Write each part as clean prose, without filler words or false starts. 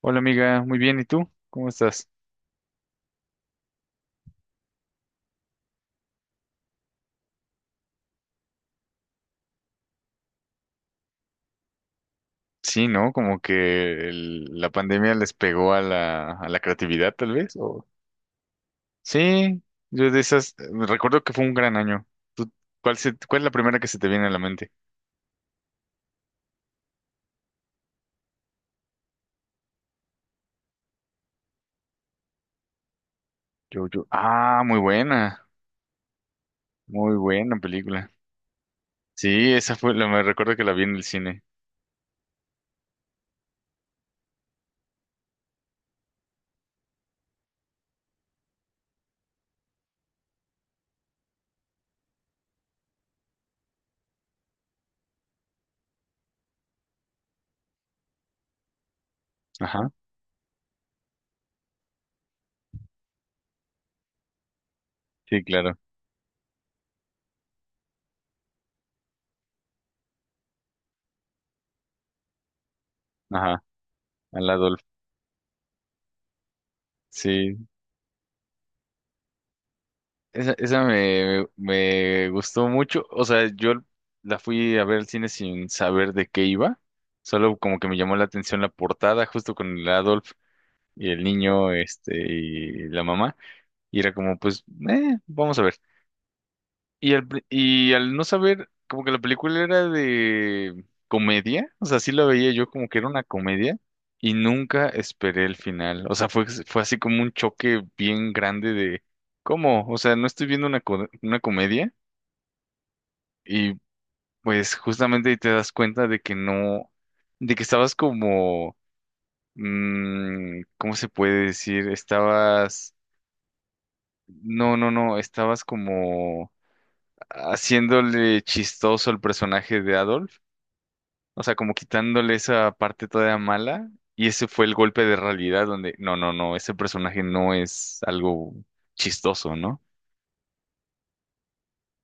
Hola amiga, muy bien, ¿y tú? ¿Cómo estás? Sí, ¿no? Como que la pandemia les pegó a la creatividad, tal vez, o... Sí, yo de esas, recuerdo que fue un gran año. ¿Tú- ¿Cuál es la primera que se te viene a la mente? Muy buena, muy buena película. Sí, esa fue, me recuerdo que la vi en el cine. Ajá, sí, claro, ajá, al Adolf. Sí, esa me gustó mucho. O sea, yo la fui a ver al cine sin saber de qué iba. Solo como que me llamó la atención la portada, justo con el Adolf y el niño, y la mamá. Y era como, pues, vamos a ver. Y al no saber, como que la película era de comedia, o sea, sí la veía yo como que era una comedia y nunca esperé el final. O sea, fue así como un choque bien grande de, ¿cómo? O sea, no estoy viendo una comedia y pues justamente ahí te das cuenta de que no, de que estabas como, ¿cómo se puede decir? Estabas, no, no, no, estabas como haciéndole chistoso el personaje de Adolf. O sea, como quitándole esa parte todavía mala. Y ese fue el golpe de realidad donde, no, no, no, ese personaje no es algo chistoso, ¿no?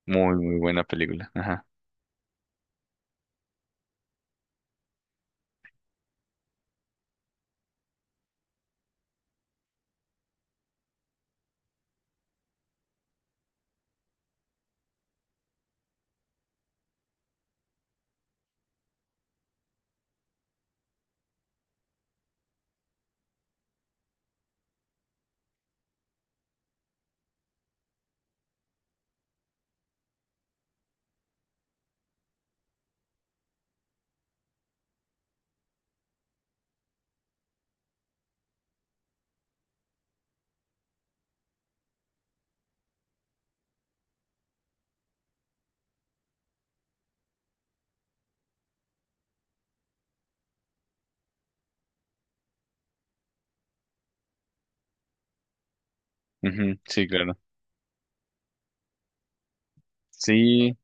Muy, muy buena película. Ajá. Ujú, sí, claro. Sí,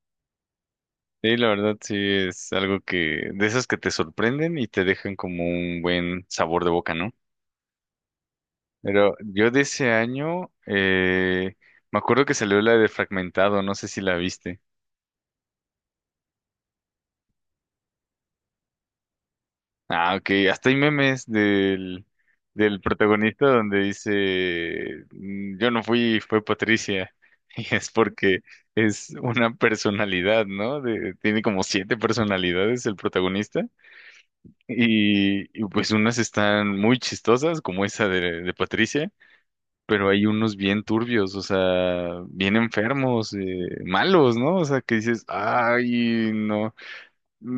sí, la verdad sí es algo que, de esas que te sorprenden y te dejan como un buen sabor de boca, ¿no? Pero yo de ese año, me acuerdo que salió la de Fragmentado, no sé si la viste. Ah, ok. Hasta hay memes del protagonista donde dice, "Mm, yo no fui, fue Patricia". Y es porque es una personalidad, ¿no? Tiene como siete personalidades el protagonista. Y pues unas están muy chistosas, como esa de Patricia, pero hay unos bien turbios, o sea, bien enfermos, malos, ¿no? O sea, que dices, ay, no.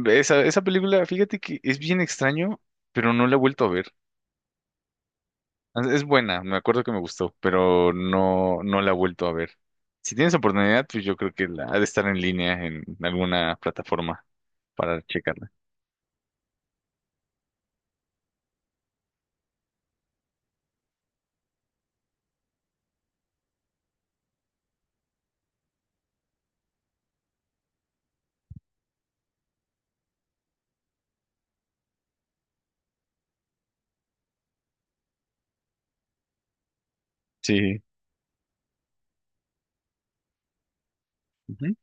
Esa película, fíjate que es bien extraño, pero no la he vuelto a ver. Es buena, me acuerdo que me gustó, pero no, no la he vuelto a ver. Si tienes oportunidad, pues yo creo que ha de estar en línea en alguna plataforma para checarla. Sí. Ujú.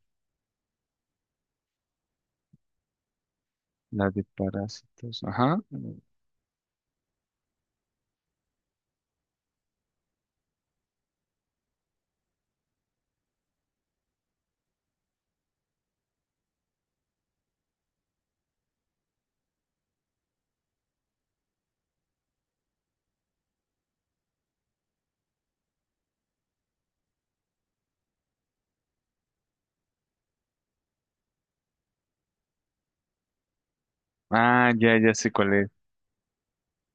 La de parásitos. Ajá. Ah, ya, ya sé cuál es.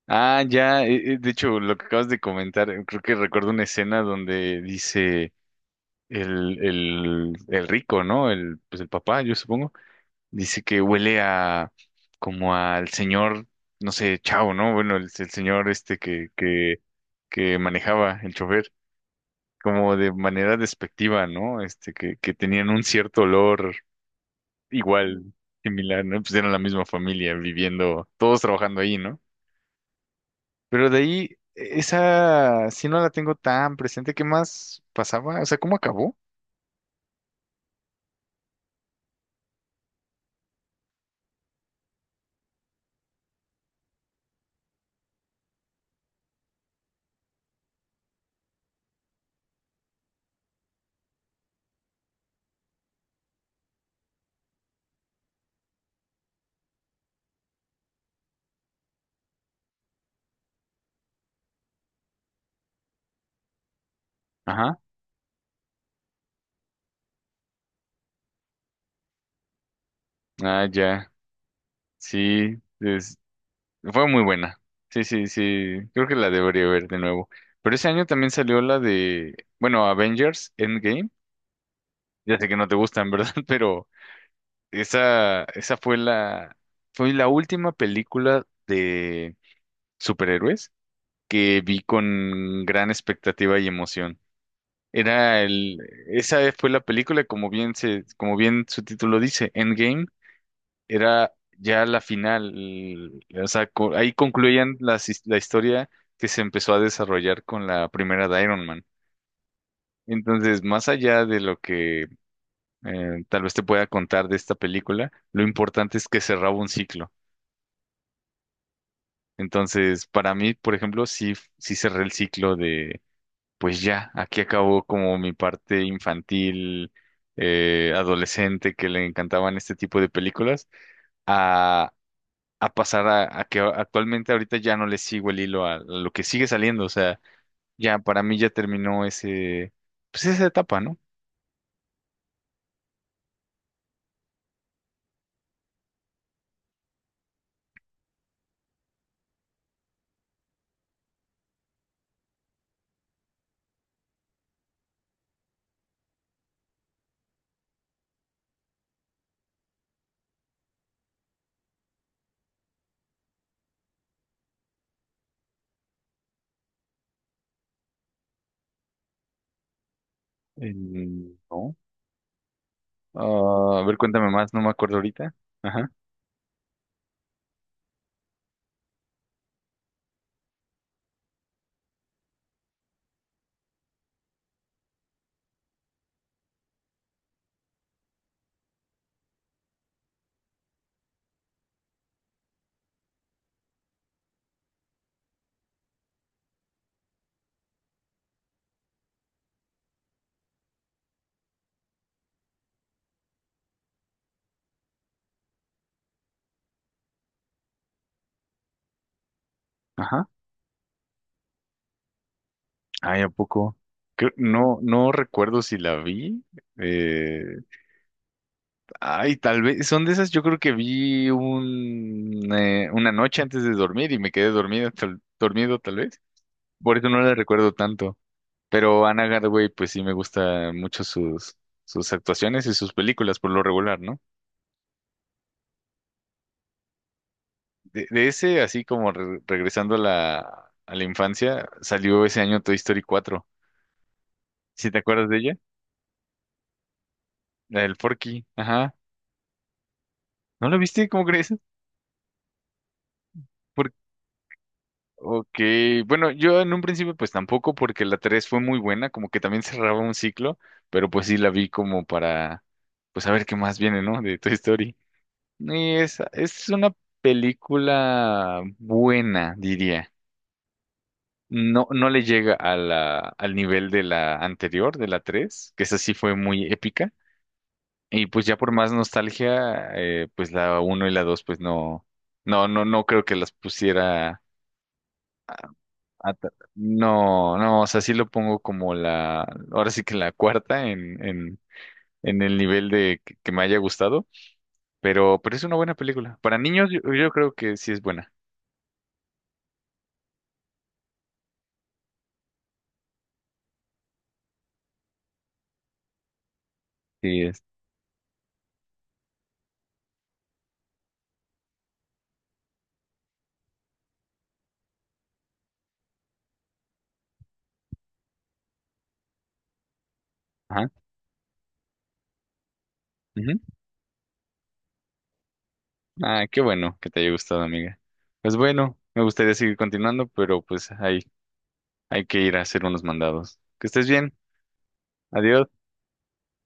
Ah, ya, de hecho, lo que acabas de comentar, creo que recuerdo una escena donde dice el rico, ¿no? El, pues el papá, yo supongo. Dice que huele a como al señor, no sé, Chao, ¿no? Bueno, el señor este que manejaba el chofer, como de manera despectiva, ¿no? Este, que tenían un cierto olor igual, similar, ¿no? Pues eran la misma familia viviendo, todos trabajando ahí, ¿no? Pero de ahí, esa sí no la tengo tan presente. ¿Qué más pasaba? O sea, ¿cómo acabó? Ajá. Ah, ya. Sí. Fue muy buena. Sí, sí, sí. Creo que la debería ver de nuevo. Pero ese año también salió la de, bueno, Avengers Endgame. Ya sé que no te gustan, ¿verdad? Pero esa fue fue la última película de superhéroes que vi con gran expectativa y emoción. Era el, Esa fue la película, como como bien su título dice, Endgame era ya la final. O sea, ahí concluían la historia que se empezó a desarrollar con la primera de Iron Man. Entonces, más allá de lo que tal vez te pueda contar de esta película, lo importante es que cerraba un ciclo. Entonces, para mí, por ejemplo, sí, sí cerré el ciclo de, pues ya, aquí acabó como mi parte infantil, adolescente, que le encantaban este tipo de películas a pasar a que actualmente ahorita ya no le sigo el hilo a lo que sigue saliendo. O sea, ya para mí ya terminó ese, pues esa etapa, ¿no? No. Ah, a ver, cuéntame más, no me acuerdo ahorita. Ajá, ajá. Ay, ¿a poco? No, no recuerdo si la vi. Eh, Ay, tal vez, son de esas, yo creo que vi un, una noche antes de dormir y me quedé dormido, tal vez. Por eso no la recuerdo tanto. Pero Anne Hathaway, pues sí me gusta mucho sus actuaciones y sus películas por lo regular, ¿no? De ese, así como regresando a a la infancia, salió ese año Toy Story 4. ¿Sí te acuerdas de ella? La del Forky, ajá. ¿No la viste? ¿Cómo crees? Por- Ok, bueno, yo en un principio pues tampoco porque la 3 fue muy buena, como que también cerraba un ciclo, pero pues sí la vi como para, pues a ver qué más viene, ¿no? De Toy Story. Y es una película buena, diría. No, no le llega a al nivel de la anterior, de la 3 que esa sí fue muy épica. Y pues ya por más nostalgia, pues la uno y la 2 pues no, no creo que las pusiera. No, no, o sea, sí lo pongo como ahora sí que la cuarta en el nivel que me haya gustado, pero es una buena película. Para niños yo creo que sí es buena. Sí es. Ujú. Ah, qué bueno que te haya gustado, amiga. Pues bueno, me gustaría seguir continuando, pero pues hay que ir a hacer unos mandados. Que estés bien. Adiós.